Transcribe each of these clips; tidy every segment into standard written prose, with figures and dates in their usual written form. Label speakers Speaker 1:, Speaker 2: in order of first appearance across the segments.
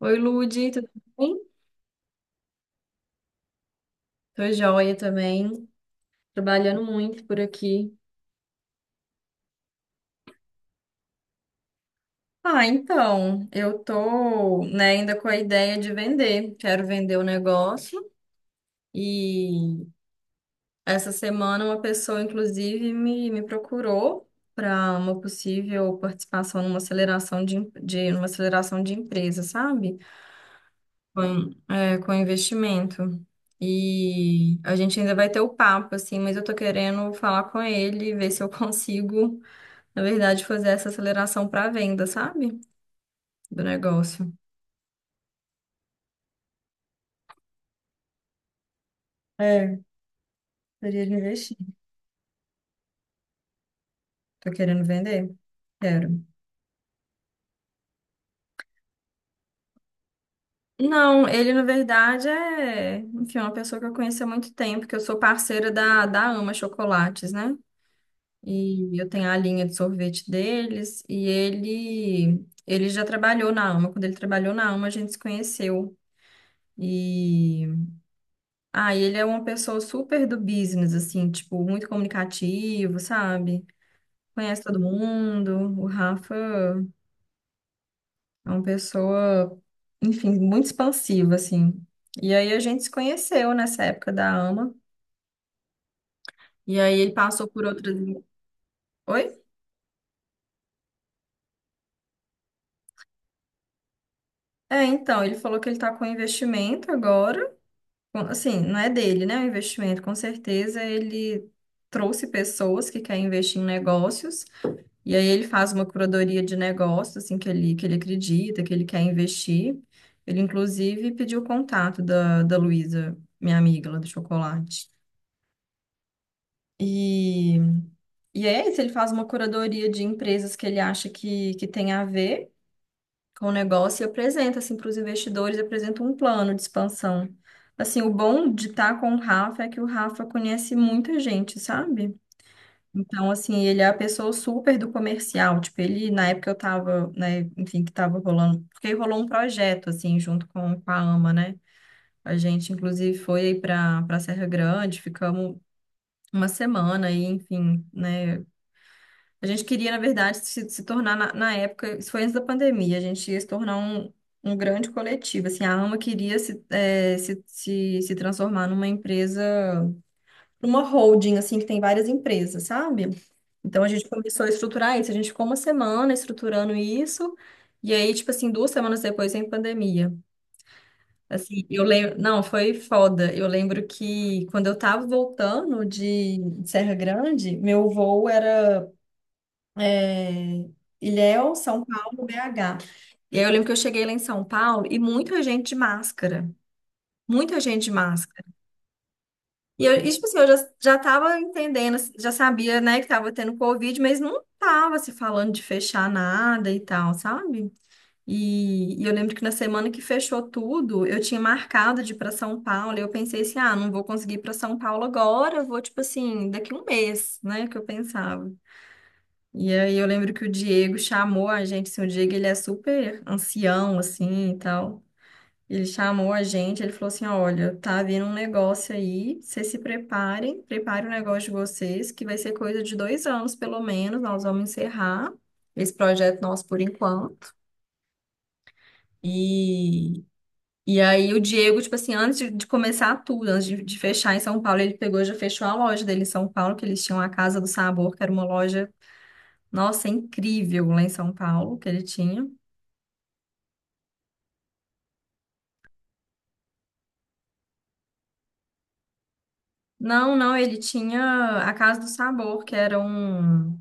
Speaker 1: Oi, Lude, tudo bem? Tô joia também, trabalhando muito por aqui. Ah, então, eu tô, né, ainda com a ideia de vender. Quero vender o negócio e essa semana uma pessoa, inclusive, me procurou para uma possível participação numa aceleração de numa aceleração de empresa, sabe? Com investimento. E a gente ainda vai ter o papo, assim, mas eu tô querendo falar com ele, ver se eu consigo. Na verdade, fazer essa aceleração para venda, sabe? Do negócio. É, teria de investir. Tô querendo vender? Quero. Não, ele na verdade é, enfim, é uma pessoa que eu conheci há muito tempo, que eu sou parceira da Ama Chocolates, né? E eu tenho a linha de sorvete deles, e ele já trabalhou na Ama. Quando ele trabalhou na Ama, a gente se conheceu. E ele é uma pessoa super do business, assim, tipo, muito comunicativo, sabe? Conhece todo mundo. O Rafa é uma pessoa, enfim, muito expansiva, assim. E aí a gente se conheceu nessa época da AMA. E aí ele passou por outras. Oi? É, então, ele falou que ele tá com investimento agora. Assim, não é dele, né? O investimento, com certeza ele trouxe pessoas que querem investir em negócios. E aí ele faz uma curadoria de negócio, assim, que ele acredita, que ele quer investir. Ele, inclusive, pediu o contato da Luísa, minha amiga lá do chocolate. E, e é isso, ele faz uma curadoria de empresas que ele acha que tem a ver com o negócio e apresenta, assim, para os investidores, apresenta um plano de expansão. Assim, o bom de estar com o Rafa é que o Rafa conhece muita gente, sabe? Então, assim, ele é a pessoa super do comercial. Tipo, ele, na época eu tava, né, enfim, que tava rolando, porque rolou um projeto, assim, junto com a AMA, né? A gente, inclusive, foi aí pra Serra Grande, ficamos uma semana aí, enfim, né? A gente queria, na verdade, se tornar, na época, isso foi antes da pandemia, a gente ia se tornar um grande coletivo. Assim, a AMA queria se, eh, se transformar numa empresa para uma holding, assim, que tem várias empresas, sabe? Então a gente começou a estruturar isso, a gente ficou uma semana estruturando isso, e aí, tipo assim, 2 semanas depois em pandemia. Assim, eu lembro, não, foi foda. Eu lembro que quando eu tava voltando de Serra Grande, meu voo era é, Ilhéus, São Paulo, BH. E aí eu lembro que eu cheguei lá em São Paulo e muita gente de máscara. Muita gente de máscara. E eu, tipo assim, eu já tava entendendo, assim, já sabia, né, que tava tendo Covid, mas não tava se falando de fechar nada e tal, sabe? E eu lembro que na semana que fechou tudo, eu tinha marcado de ir pra São Paulo, e eu pensei assim, ah, não vou conseguir ir pra São Paulo agora, eu vou, tipo assim, daqui um mês, né, que eu pensava. E aí eu lembro que o Diego chamou a gente, assim, o Diego, ele é super ancião, assim, e tal. Ele chamou a gente, ele falou assim: Olha, tá vindo um negócio aí, vocês se preparem, preparem o negócio de vocês, que vai ser coisa de 2 anos, pelo menos. Nós vamos encerrar esse projeto nosso por enquanto. E, e aí o Diego, tipo assim, antes de começar tudo, antes de fechar em São Paulo, ele pegou e já fechou a loja dele em São Paulo, que eles tinham a Casa do Sabor, que era uma loja, nossa, incrível lá em São Paulo, que ele tinha. Não, não, ele tinha a Casa do Sabor, que era um.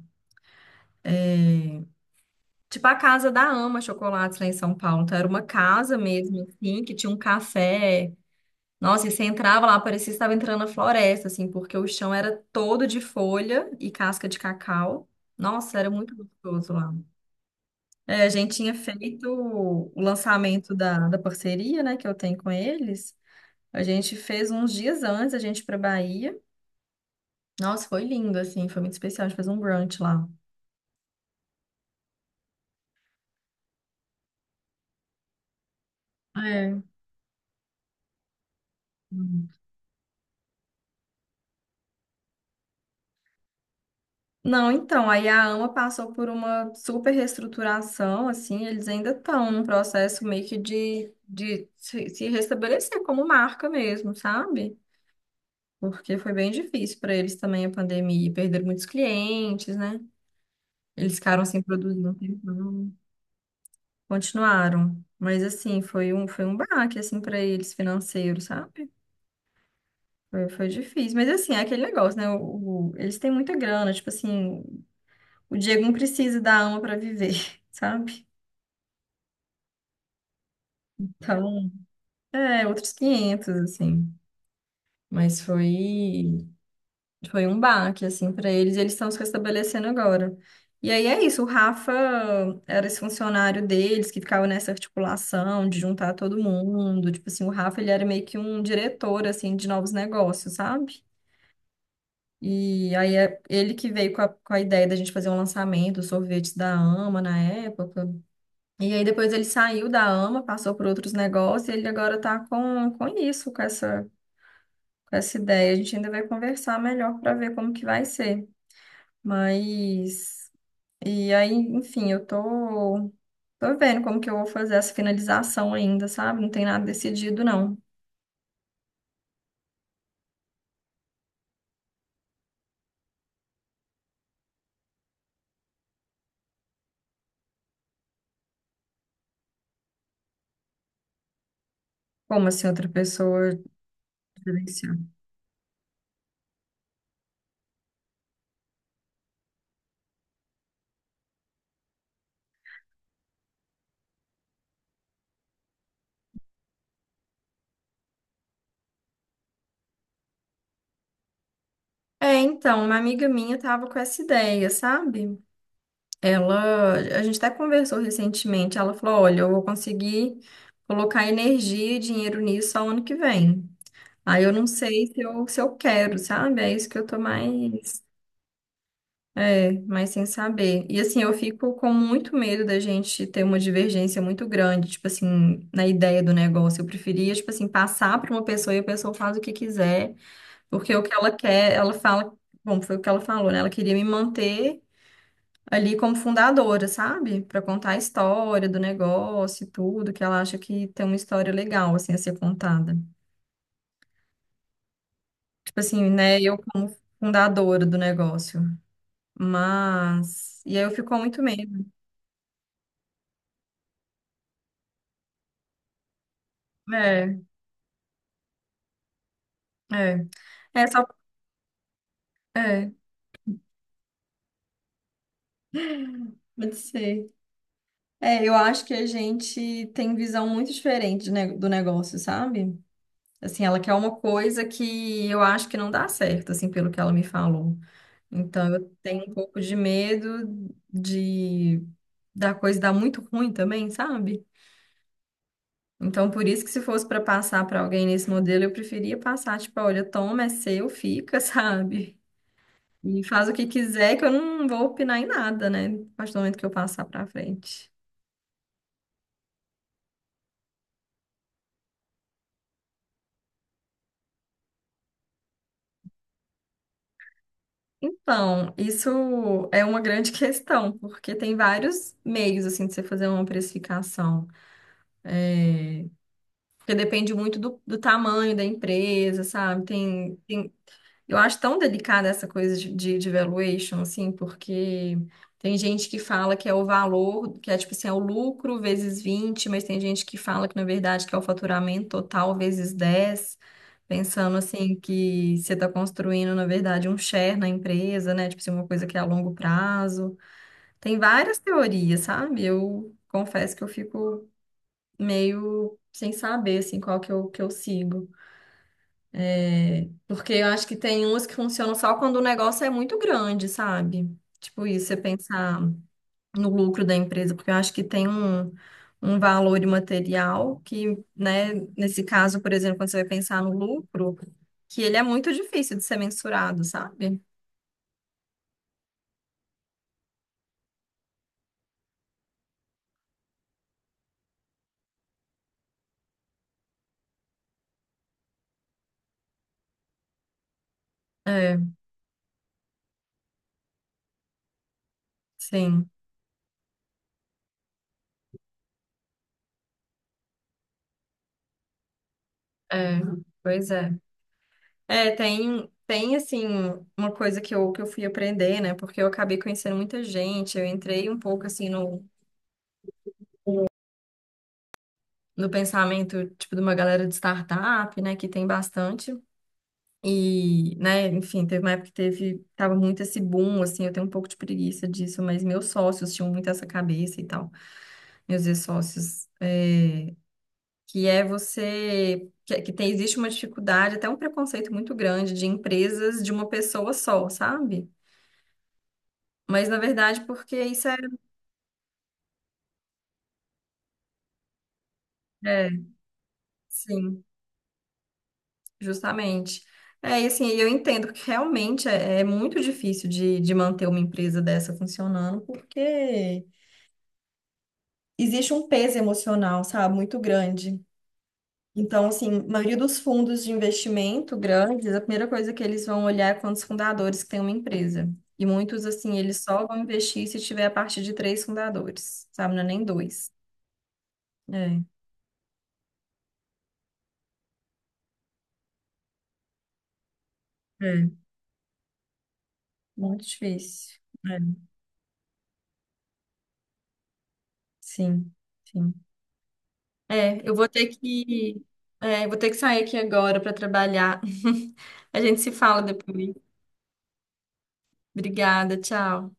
Speaker 1: Tipo a casa da Ama Chocolates lá em São Paulo. Então era uma casa mesmo, assim, que tinha um café. Nossa, e você entrava lá, parecia que estava entrando na floresta, assim, porque o chão era todo de folha e casca de cacau. Nossa, era muito gostoso lá. É, a gente tinha feito o lançamento da parceria, né, que eu tenho com eles. A gente fez uns dias antes, a gente foi pra Bahia. Nossa, foi lindo, assim, foi muito especial. A gente fez um brunch lá. É. Não, então, aí a AMA passou por uma super reestruturação, assim, eles ainda estão num processo meio que de se restabelecer como marca mesmo, sabe? Porque foi bem difícil para eles também a pandemia, e perderam muitos clientes, né? Eles ficaram sem produzir um tempão, continuaram. Mas, assim, foi um baque, assim, para eles financeiro, sabe? Foi difícil. Mas, assim, é aquele negócio, né? Eles têm muita grana, tipo assim, o Diego não precisa da AMA para viver, sabe? Então, é, outros 500 assim. Mas foi um baque, assim, para eles, e eles estão se restabelecendo agora. E aí é isso, o Rafa era esse funcionário deles que ficava nessa articulação de juntar todo mundo. Tipo assim, o Rafa, ele era meio que um diretor, assim, de novos negócios, sabe? E aí é ele que veio com a ideia da gente fazer um lançamento, os sorvetes da Ama na época. E aí depois ele saiu da AMA, passou por outros negócios, e ele agora tá com isso, com essa ideia. A gente ainda vai conversar melhor para ver como que vai ser. Mas e aí, enfim, eu tô vendo como que eu vou fazer essa finalização ainda, sabe? Não tem nada decidido não. Como assim outra pessoa gerenciar? É, então, uma amiga minha tava com essa ideia, sabe? Ela, a gente até conversou recentemente, ela falou, olha, eu vou conseguir colocar energia e dinheiro nisso só ano que vem. Aí eu não sei se eu quero, sabe? É isso que eu tô mais. É, mas sem saber. E assim, eu fico com muito medo da gente ter uma divergência muito grande, tipo assim, na ideia do negócio. Eu preferia, tipo assim, passar para uma pessoa e a pessoa faz o que quiser, porque o que ela quer, ela fala. Bom, foi o que ela falou, né? Ela queria me manter ali como fundadora, sabe? Para contar a história do negócio e tudo, que ela acha que tem uma história legal, assim, a ser contada. Tipo assim, né? Eu como fundadora do negócio. Mas. E aí eu fico com muito medo. É. É. É só. É, pode ser. É, eu acho que a gente tem visão muito diferente de do negócio, sabe? Assim, ela quer uma coisa que eu acho que não dá certo, assim, pelo que ela me falou. Então, eu tenho um pouco de medo de da coisa dar muito ruim também, sabe? Então, por isso que se fosse para passar para alguém nesse modelo, eu preferia passar, tipo, olha, toma, é seu, fica, sabe? E faz o que quiser, que eu não vou opinar em nada, né? A partir do momento que eu passar para frente. Então, isso é uma grande questão, porque tem vários meios assim de você fazer uma precificação. É, porque depende muito do tamanho da empresa, sabe? Tem eu acho tão delicada essa coisa de valuation, assim, porque tem gente que fala que é o valor, que é tipo assim, é o lucro vezes 20, mas tem gente que fala que, na verdade, que é o faturamento total vezes 10, pensando assim que você está construindo, na verdade, um share na empresa, né? Tipo assim, uma coisa que é a longo prazo. Tem várias teorias, sabe? Eu confesso que eu fico meio sem saber, assim, qual que eu sigo. Porque eu acho que tem umas que funcionam só quando o negócio é muito grande, sabe? Tipo isso, você pensar no lucro da empresa, porque eu acho que tem um valor imaterial que, né, nesse caso, por exemplo, quando você vai pensar no lucro, que ele é muito difícil de ser mensurado, sabe? É, sim, é, pois é. É, tem assim, uma coisa que eu fui aprender, né? Porque eu acabei conhecendo muita gente, eu entrei um pouco assim no pensamento, tipo, de uma galera de startup, né, que tem bastante. E, né, enfim, teve uma época que teve, tava muito esse boom, assim, eu tenho um pouco de preguiça disso, mas meus sócios tinham muito essa cabeça e tal, meus ex-sócios, é, que é você, que tem, existe uma dificuldade, até um preconceito muito grande de empresas de uma pessoa só, sabe? Mas, na verdade, porque isso é, é, sim. Justamente. É, e assim, eu entendo que realmente é, é muito difícil de manter uma empresa dessa funcionando, porque existe um peso emocional, sabe, muito grande. Então, assim, a maioria dos fundos de investimento grandes, a primeira coisa que eles vão olhar é quantos fundadores que tem uma empresa. E muitos, assim, eles só vão investir se tiver a partir de três fundadores, sabe? Não é nem dois. É, é, muito difícil. É, sim, sim. É, eu vou ter que sair aqui agora para trabalhar. A gente se fala depois. Obrigada, tchau.